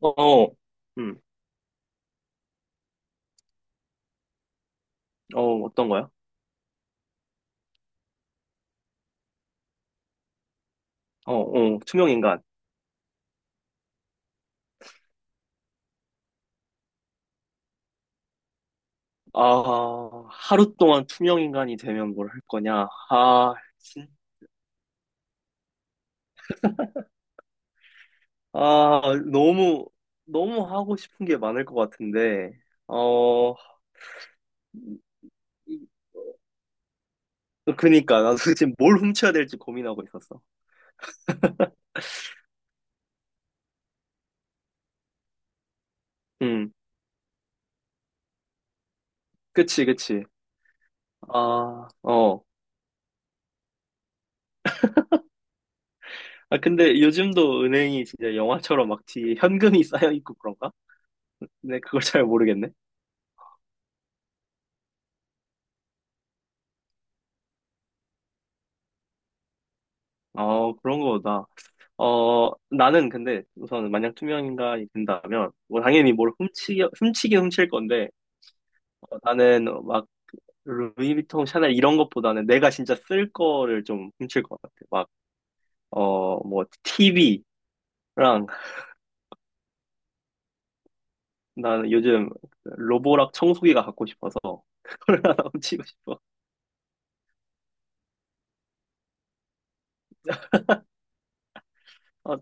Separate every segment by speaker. Speaker 1: 어, 음, 어, 어떤 거야? 어, 어, 투명인간. 아, 하루 동안 투명인간이 되면 뭘 할 거냐? 아, 너무, 너무 하고 싶은 게 많을 것 같은데, 어, 이- 어, 그니까, 나도 지금 뭘 훔쳐야 될지 고민하고 있었어. 음, 그치, 그치. 아, 어. 아, 근데 요즘도 은행이 진짜 영화처럼 막 뒤에 현금이 쌓여 있고 그런가? 근데 그걸 잘 모르겠네. 어, 그런 거다. 어, 나는 근데 우선 만약 투명 인간이 된다면, 뭐 당연히 뭘 훔치긴 훔칠 건데, 어, 나는 막 루이비통, 샤넬 이런 것보다는 내가 진짜 쓸 거를 좀 훔칠 것 같아. 막, 어, 뭐 TV랑 나는 요즘 로보락 청소기가 갖고 싶어서 그걸 하나 훔치고 싶어. 어,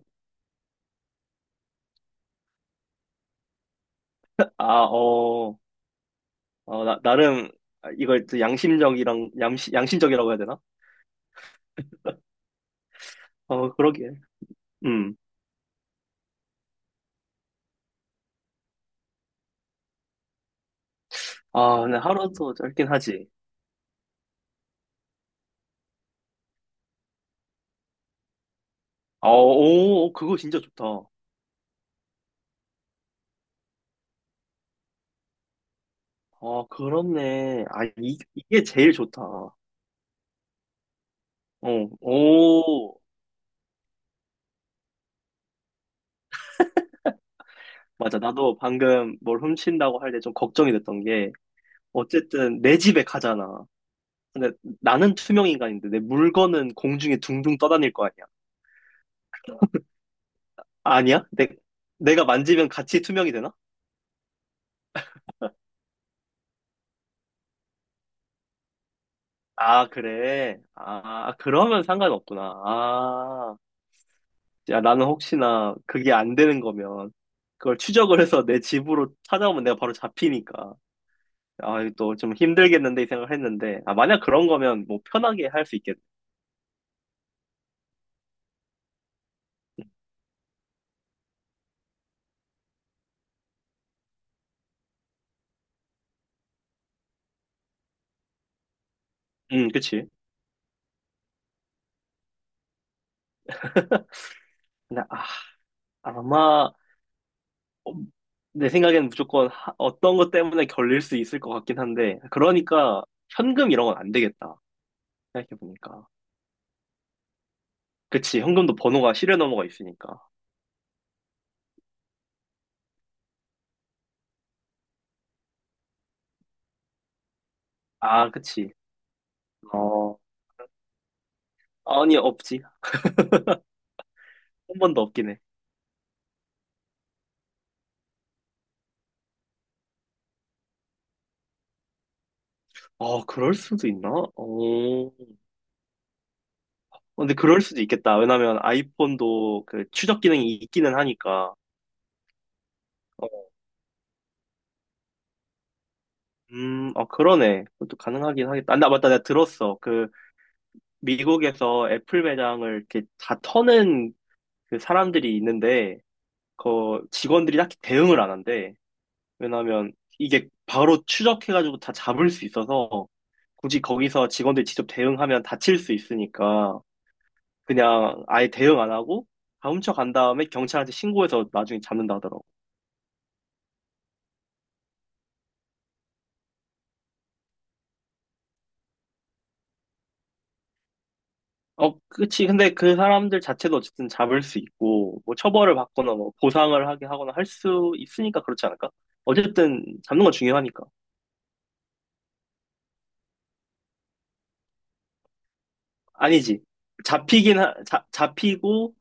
Speaker 1: 아, 어, 어, 나름 이걸 또 양심적이랑, 양심적이라고 해야 되나? 어, 그러게. 음. 아, 근데 하루도 짧긴 하지. 아, 오, 오, 그거 진짜 좋다. 아, 그렇네. 아, 이게 제일 좋다. 어, 오. 맞아. 나도 방금 뭘 훔친다고 할 때 좀 걱정이 됐던 게, 어쨌든 내 집에 가잖아. 근데 나는 투명 인간인데 내 물건은 공중에 둥둥 떠다닐 거 아니야. 아니야? 내가 만지면 같이 투명이 되나? 아, 그래. 아, 그러면 상관없구나. 아. 야, 나는 혹시나 그게 안 되는 거면 그걸 추적을 해서 내 집으로 찾아오면 내가 바로 잡히니까. 아, 이거 또좀 힘들겠는데 이 생각을 했는데. 아, 만약 그런 거면 뭐 편하게 할 수 있겠네. 그치. 근데 아, 아마 어, 내 생각에는 무조건 어떤 것 때문에 걸릴 수 있을 것 같긴 한데. 그러니까 현금 이런 건 안 되겠다. 생각해보니까. 그치. 현금도 번호가 시리얼 넘버가 있으니까. 아, 그치. 어, 아니, 없지. 한 번도 없긴 해. 아, 그럴 수도 있나? 어, 어, 근데 그럴 수도 있겠다. 왜냐면 아이폰도 그 추적 기능이 있기는 하니까. 어, 어, 그러네. 그것도 가능하긴 하겠다. 아, 나 맞다. 내가 들었어. 그 미국에서 애플 매장을 이렇게 다 터는 그 사람들이 있는데 그 직원들이 딱히 대응을 안 한대. 왜냐면 이게 바로 추적해가지고 다 잡을 수 있어서 굳이 거기서 직원들이 직접 대응하면 다칠 수 있으니까 그냥 아예 대응 안 하고 다 훔쳐간 다음에 경찰한테 신고해서 나중에 잡는다 하더라고. 어, 그치. 근데 그 사람들 자체도 어쨌든 잡을 수 있고, 뭐 처벌을 받거나 뭐 보상을 하게 하거나 할 수 있으니까 그렇지 않을까? 어쨌든 잡는 건 중요하니까. 아니지. 잡히고,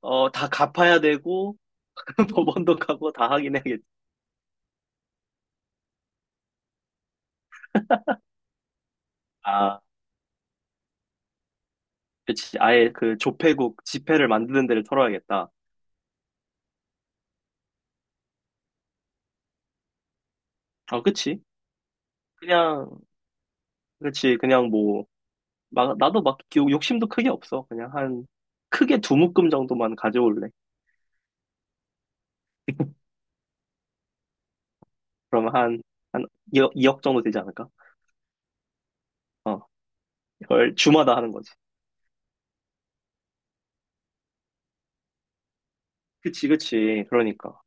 Speaker 1: 어, 다 갚아야 되고, 법원도 가고 다 하긴 해야겠지. 아, 그치. 아예 그 조폐국 지폐를 만드는 데를 털어야겠다. 아, 그치. 그냥, 그치. 그냥 뭐, 막, 나도 막 욕심도 크게 없어. 그냥 한, 크게 두 묶음 정도만 가져올래. 그러면 한, 한 이억 정도 되지 않을까? 어, 이걸 주마다 하는 거지. 그치, 그치. 그러니까.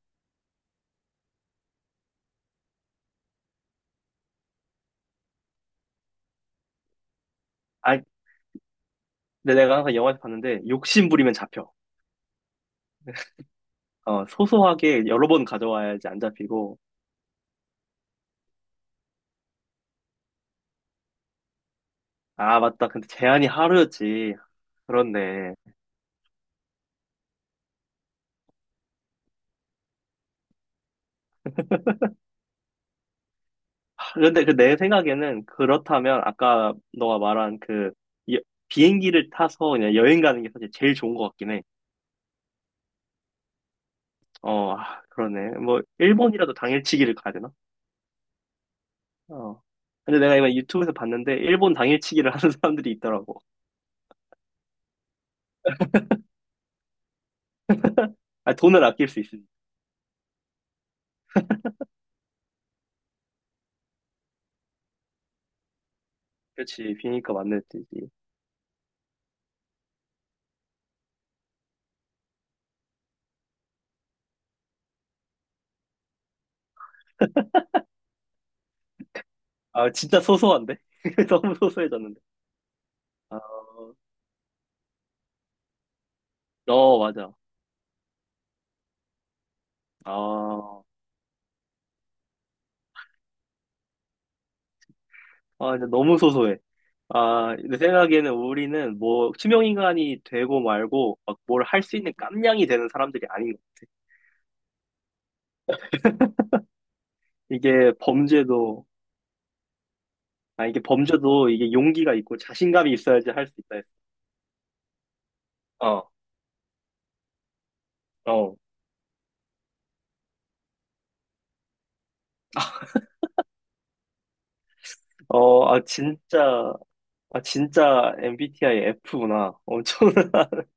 Speaker 1: 아, 근데 내가 항상 영화에서 봤는데, 욕심 부리면 잡혀. 어, 소소하게 여러 번 가져와야지 안 잡히고. 아, 맞다. 근데 제한이 하루였지. 그렇네. 하, 근데 그 내 생각에는 그렇다면 아까 너가 말한 그 여- 비행기를 타서 그냥 여행 가는 게 사실 제일 좋은 것 같긴 해. 어, 아, 그러네. 뭐, 일본이라도 당일치기를 가야 되나? 어. 근데 내가 이거 유튜브에서 봤는데 일본 당일치기를 하는 사람들이 있더라고. 아, 돈을 아낄 수 있으니까. 그렇지. 비니까 맞는 듯이지 아, 진짜 소소한데? 너무 소소해졌는데. 아, 어, 맞아. 아, 아, 이제 너무 소소해. 아, 내 생각에는 우리는 뭐 투명인간이 되고 말고 막 뭘 할 수 있는 깜냥이 되는 사람들이 아닌 것 같아. 이게 범죄도, 아, 이게 범죄도 이게 용기가 있고 자신감이 있어야지 할 수 있다 했어. 어, 어. 어, 아, 진짜. 아, 진짜 MBTI F구나. 엄청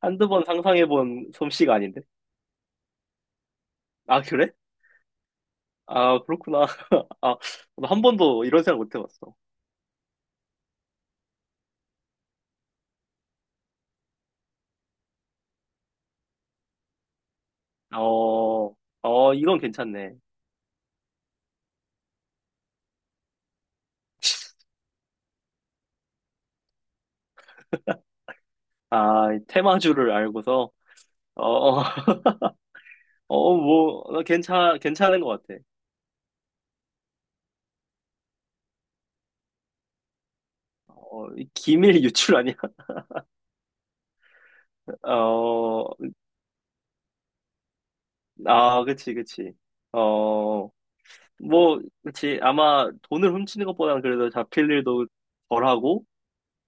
Speaker 1: 한두 번 상상해본 솜씨가 아닌데? 아, 그래? 아, 그렇구나. 아, 나한 번도 이런 생각 못 해봤어. 어, 어, 이건 괜찮네. 아, 테마주를 알고서, 어, 어, 어, 뭐, 나 괜찮은 것 같아. 어, 이 기밀 유출 아니야? 어, 아, 그치, 그치. 어, 뭐, 그치. 아마 돈을 훔치는 것보다는 그래도 잡힐 일도 덜하고,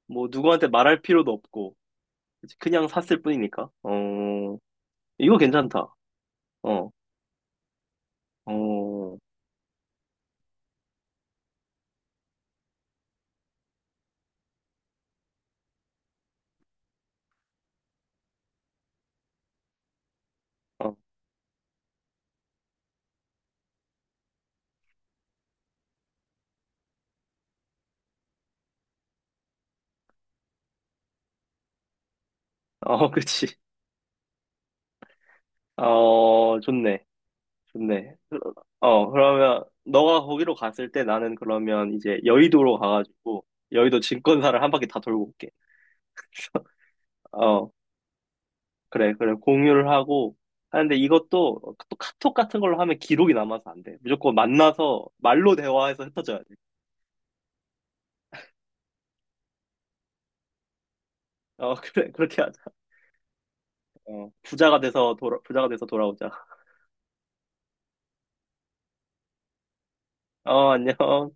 Speaker 1: 뭐, 누구한테 말할 필요도 없고, 그치, 그냥 샀을 뿐이니까. 어, 이거 괜찮다. 어, 어, 어, 어, 그치. 어, 좋네. 좋네. 어, 그러면, 너가 거기로 갔을 때 나는 그러면 이제 여의도로 가가지고, 여의도 증권사를 한 바퀴 다 돌고 올게. 어, 그래, 그래. 공유를 하고, 하는데 이것도 또 카톡 같은 걸로 하면 기록이 남아서 안 돼. 무조건 만나서 말로 대화해서 흩어져야 돼. 어, 그래, 그렇게 하자. 어, 부자가 돼서 돌아오자. 어, 안녕.